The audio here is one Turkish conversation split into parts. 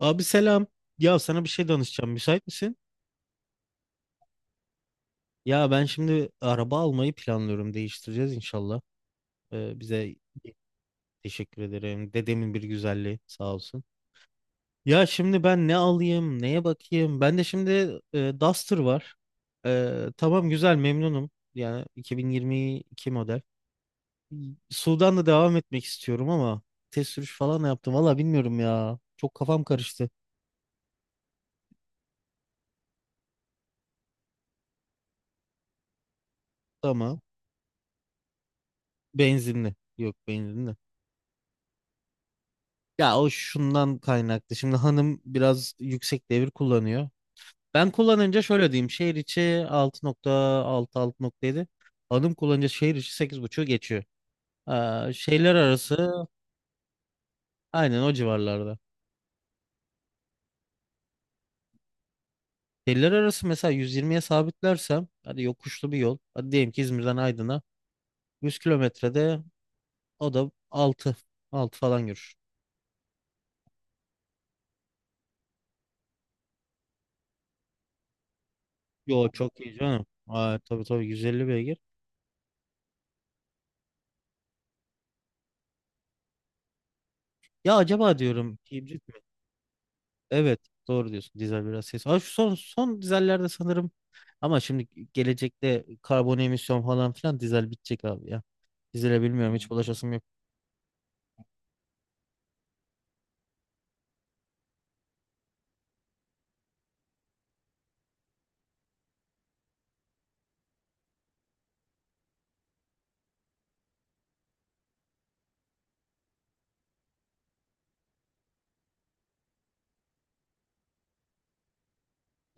Abi selam. Ya sana bir şey danışacağım. Müsait misin? Ya ben şimdi araba almayı planlıyorum. Değiştireceğiz inşallah. Bize teşekkür ederim. Dedemin bir güzelliği sağ olsun. Ya şimdi ben ne alayım? Neye bakayım? Ben de şimdi Duster var. Tamam güzel memnunum. Yani 2022 model. Sudan'da devam etmek istiyorum ama test sürüş falan da yaptım. Valla bilmiyorum ya. Çok kafam karıştı. Tamam. Benzinli. Yok, benzinli. Ya o şundan kaynaklı. Şimdi hanım biraz yüksek devir kullanıyor. Ben kullanınca şöyle diyeyim. Şehir içi 6,6, 6,7. Hanım kullanınca şehir içi 8,5'u geçiyor. Aa, şehirler arası aynen o civarlarda. Şehirler arası mesela 120'ye sabitlersem hadi yokuşlu bir yol. Hadi diyelim ki İzmir'den Aydın'a 100 kilometrede o da 6, 6 falan görür. Yo, çok iyi canım. Aa, tabii tabii, 150 beygir. Ya acaba diyorum hibrit mi? Evet, doğru diyorsun. Dizel biraz ses. Ha, şu son dizellerde sanırım, ama şimdi gelecekte karbon emisyon falan filan dizel bitecek abi ya. Dizele bilmiyorum, hiç bulaşasım yok.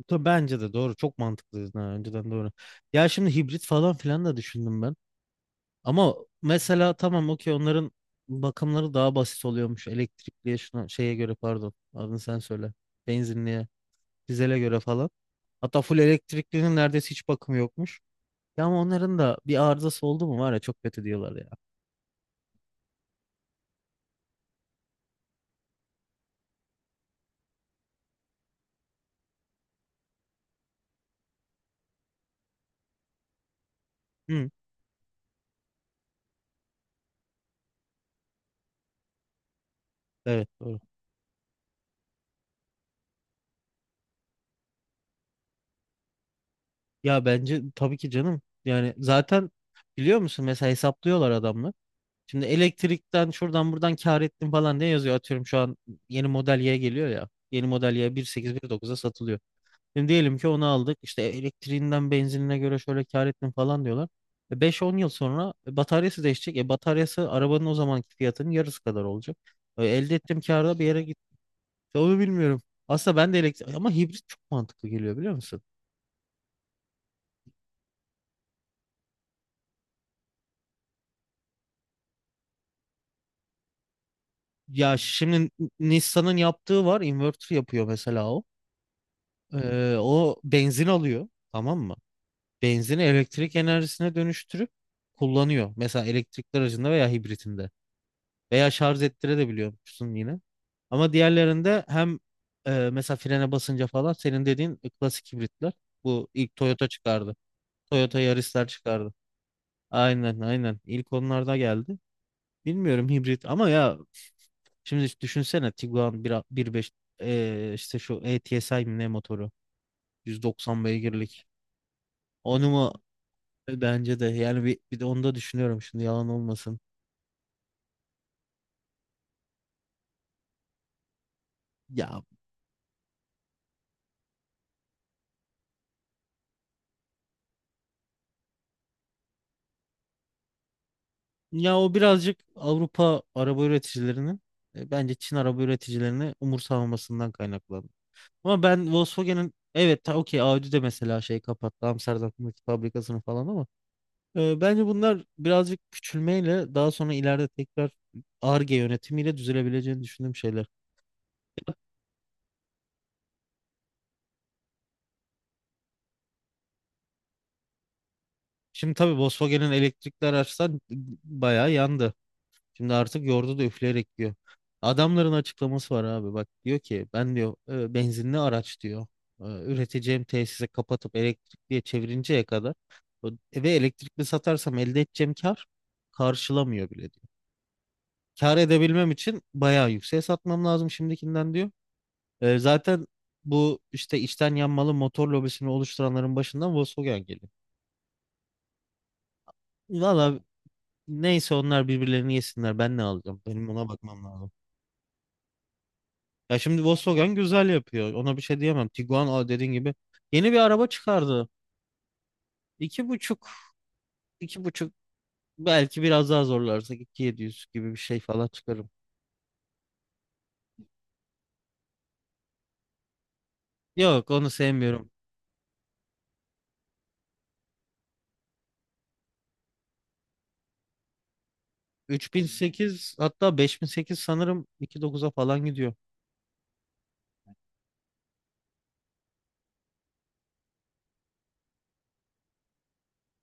Tabii, bence de doğru. Çok mantıklı ha, önceden doğru. Ya şimdi hibrit falan filan da düşündüm ben. Ama mesela tamam, okey, onların bakımları daha basit oluyormuş. Elektrikliye şuna şeye göre, pardon, adını sen söyle. Benzinliye, dizele göre falan. Hatta full elektriklinin neredeyse hiç bakımı yokmuş. Ya ama onların da bir arızası oldu mu var ya, çok kötü diyorlar ya. Hı, evet doğru. Ya bence tabii ki canım. Yani zaten biliyor musun, mesela hesaplıyorlar adamlar. Şimdi elektrikten şuradan buradan kar ettim falan diye yazıyor. Atıyorum, şu an yeni model Y geliyor ya. Yeni model Y 1,8 dokuz'a satılıyor. Şimdi diyelim ki onu aldık. İşte elektriğinden benzinine göre şöyle kar ettim falan diyorlar. 5-10 yıl sonra bataryası değişecek. Bataryası arabanın o zamanki fiyatının yarısı kadar olacak. Elde ettiğim karda bir yere gitti. Onu bilmiyorum. Aslında ben de elektrik ama hibrit çok mantıklı geliyor, biliyor musun? Ya şimdi Nissan'ın yaptığı var. Inverter yapıyor mesela o. O benzin alıyor. Tamam mı? Benzini elektrik enerjisine dönüştürüp kullanıyor. Mesela elektrikli aracında veya hibritinde. Veya şarj ettirebiliyormuşsun yine. Ama diğerlerinde hem mesela frene basınca falan, senin dediğin klasik hibritler. Bu ilk Toyota çıkardı. Toyota Yaris'ler çıkardı. Aynen aynen. İlk onlarda geldi. Bilmiyorum, hibrit ama ya şimdi düşünsene, Tiguan bir 1,5, işte şu ATSI mi ne motoru, 190 beygirlik. Onu mu? Bence de yani bir de onu da düşünüyorum şimdi, yalan olmasın. Ya Ya o birazcık Avrupa araba üreticilerinin bence Çin araba üreticilerini umursamamasından kaynaklandı. Ama ben Volkswagen'in, evet okey Audi de mesela şey, kapattı Amsterdam'daki fabrikasını falan, ama bence bunlar birazcık küçülmeyle daha sonra ileride tekrar Ar-Ge yönetimiyle düzelebileceğini düşündüğüm şeyler. Şimdi tabii Volkswagen'in elektrikli araçtan bayağı yandı. Şimdi artık yoğurdu da üfleyerek diyor. Adamların açıklaması var abi. Bak, diyor ki ben diyor, benzinli araç diyor, üreteceğim tesise kapatıp elektrikliye çevirinceye kadar o- ve elektrikli satarsam elde edeceğim kar karşılamıyor bile diyor. Kar edebilmem için bayağı yükseğe satmam lazım şimdikinden diyor. Zaten bu işte içten yanmalı motor lobisini oluşturanların başından Volkswagen geliyor. Valla, neyse, onlar birbirlerini yesinler. Ben ne alacağım? Benim ona bakmam lazım. Ya şimdi Volkswagen güzel yapıyor. Ona bir şey diyemem. Tiguan, o dediğin gibi, yeni bir araba çıkardı. İki buçuk, iki buçuk, belki biraz daha zorlarsak iki yedi yüz gibi bir şey falan çıkarım. Yok, onu sevmiyorum. 3008, hatta 5008 sanırım iki dokuz'a falan gidiyor.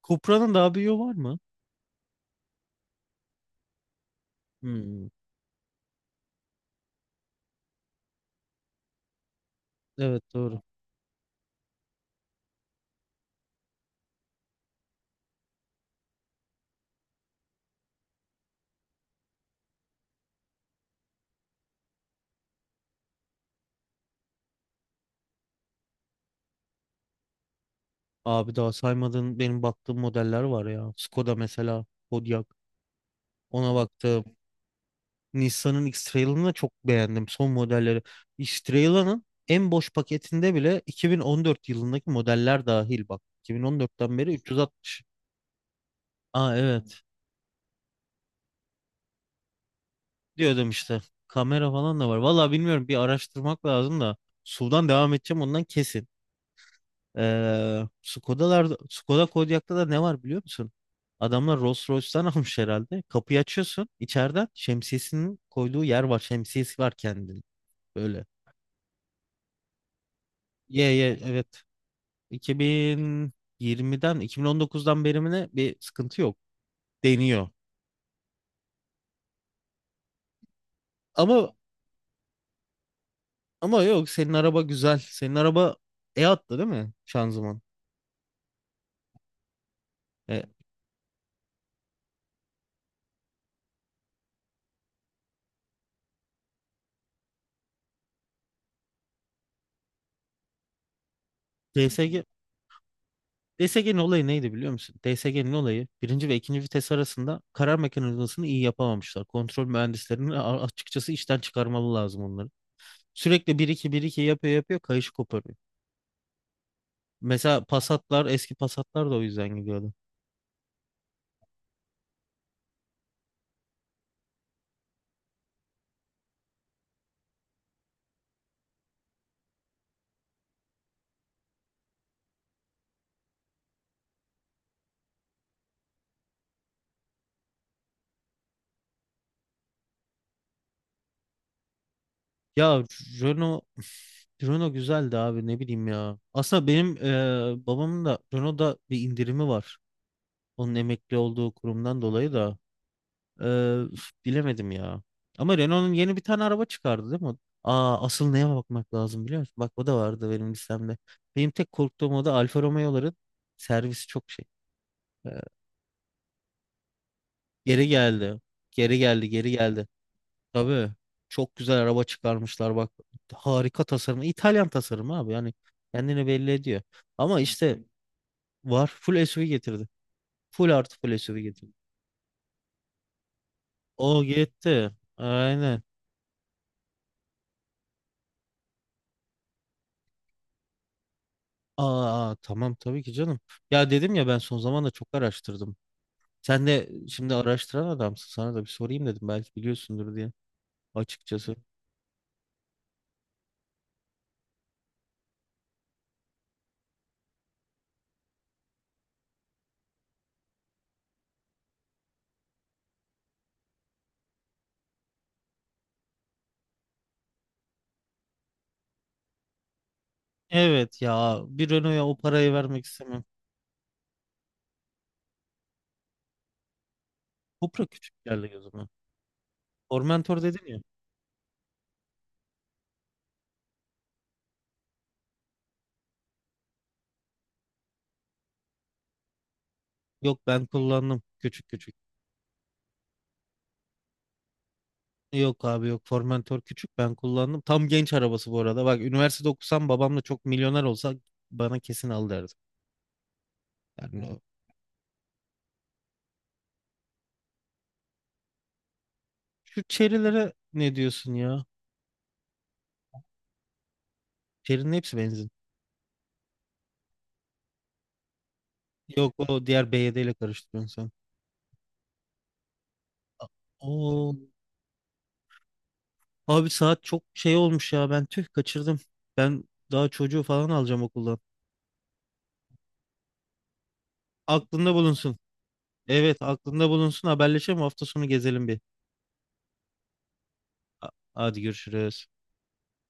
Cupra'nın daha büyüğü var mı? Hmm, evet doğru. Abi, daha saymadığın benim baktığım modeller var ya. Skoda mesela, Kodiaq. Ona baktım. Nissan'ın X-Trail'ını da çok beğendim, son modelleri. X-Trail'ın en boş paketinde bile 2014 yılındaki modeller dahil bak. 2014'ten beri 360. Aa evet, diyordum işte. Kamera falan da var. Vallahi bilmiyorum, bir araştırmak lazım da. Sudan devam edeceğim, ondan kesin. Skoda'larda, Skoda Kodiaq'ta da ne var biliyor musun? Adamlar Rolls Royce'tan almış herhalde. Kapıyı açıyorsun, içeriden şemsiyesinin koyduğu yer var. Şemsiyesi var kendini. Böyle. Ye ye evet. 2020'den 2019'dan beri mi ne bir sıkıntı yok deniyor. Ama ama yok, senin araba güzel. Senin araba attı değil mi şanzıman? E, DSG DSG'nin olayı neydi biliyor musun? DSG'nin olayı, birinci ve ikinci vites arasında karar mekanizmasını iyi yapamamışlar. Kontrol mühendislerini açıkçası işten çıkarmalı lazım onları. Sürekli bir iki, bir iki yapıyor, kayışı koparıyor. Mesela Passat'lar, eski Passat'lar da o yüzden gidiyordu. Ya Renault Renault güzeldi abi, ne bileyim ya. Aslında benim babamın da Renault'da bir indirimi var. Onun emekli olduğu kurumdan dolayı da üf, bilemedim ya. Ama Renault'un yeni bir tane araba çıkardı değil mi? Aa, asıl neye bakmak lazım biliyor musun? Bak, o da vardı benim listemde. Benim tek korktuğum, o da Alfa Romeo'ların servisi çok şey. Eee, geri geldi. Geri geldi, geri geldi. Tabii. Çok güzel araba çıkarmışlar bak. Harika tasarımı. İtalyan tasarımı abi. Yani kendini belli ediyor. Ama işte var. Full SUV getirdi. Full artı full SUV getirdi. O gitti. Aynen. Aa, tamam tabii ki canım. Ya dedim ya, ben son zamanda çok araştırdım. Sen de şimdi araştıran adamsın. Sana da bir sorayım dedim, belki biliyorsundur diye, açıkçası. Evet ya, bir Renault'ya o parayı vermek istemem. Cupra küçük geldi gözüme. Formentor dedin ya. Yok, ben kullandım. Küçük küçük. Yok abi yok, Formentor küçük, ben kullandım. Tam genç arabası bu arada. Bak, üniversitede okusam, babamla çok milyoner olsa bana kesin al derdi. Yani şu Chery'lere ne diyorsun ya? Chery'nin hepsi benzin. Yok, o diğer BYD ile karıştırıyorsun sen. Oo, abi saat çok şey olmuş ya, ben tüh kaçırdım. Ben daha çocuğu falan alacağım okuldan. Aklında bulunsun. Evet, aklında bulunsun, haberleşelim hafta sonu gezelim bir. Hadi görüşürüz.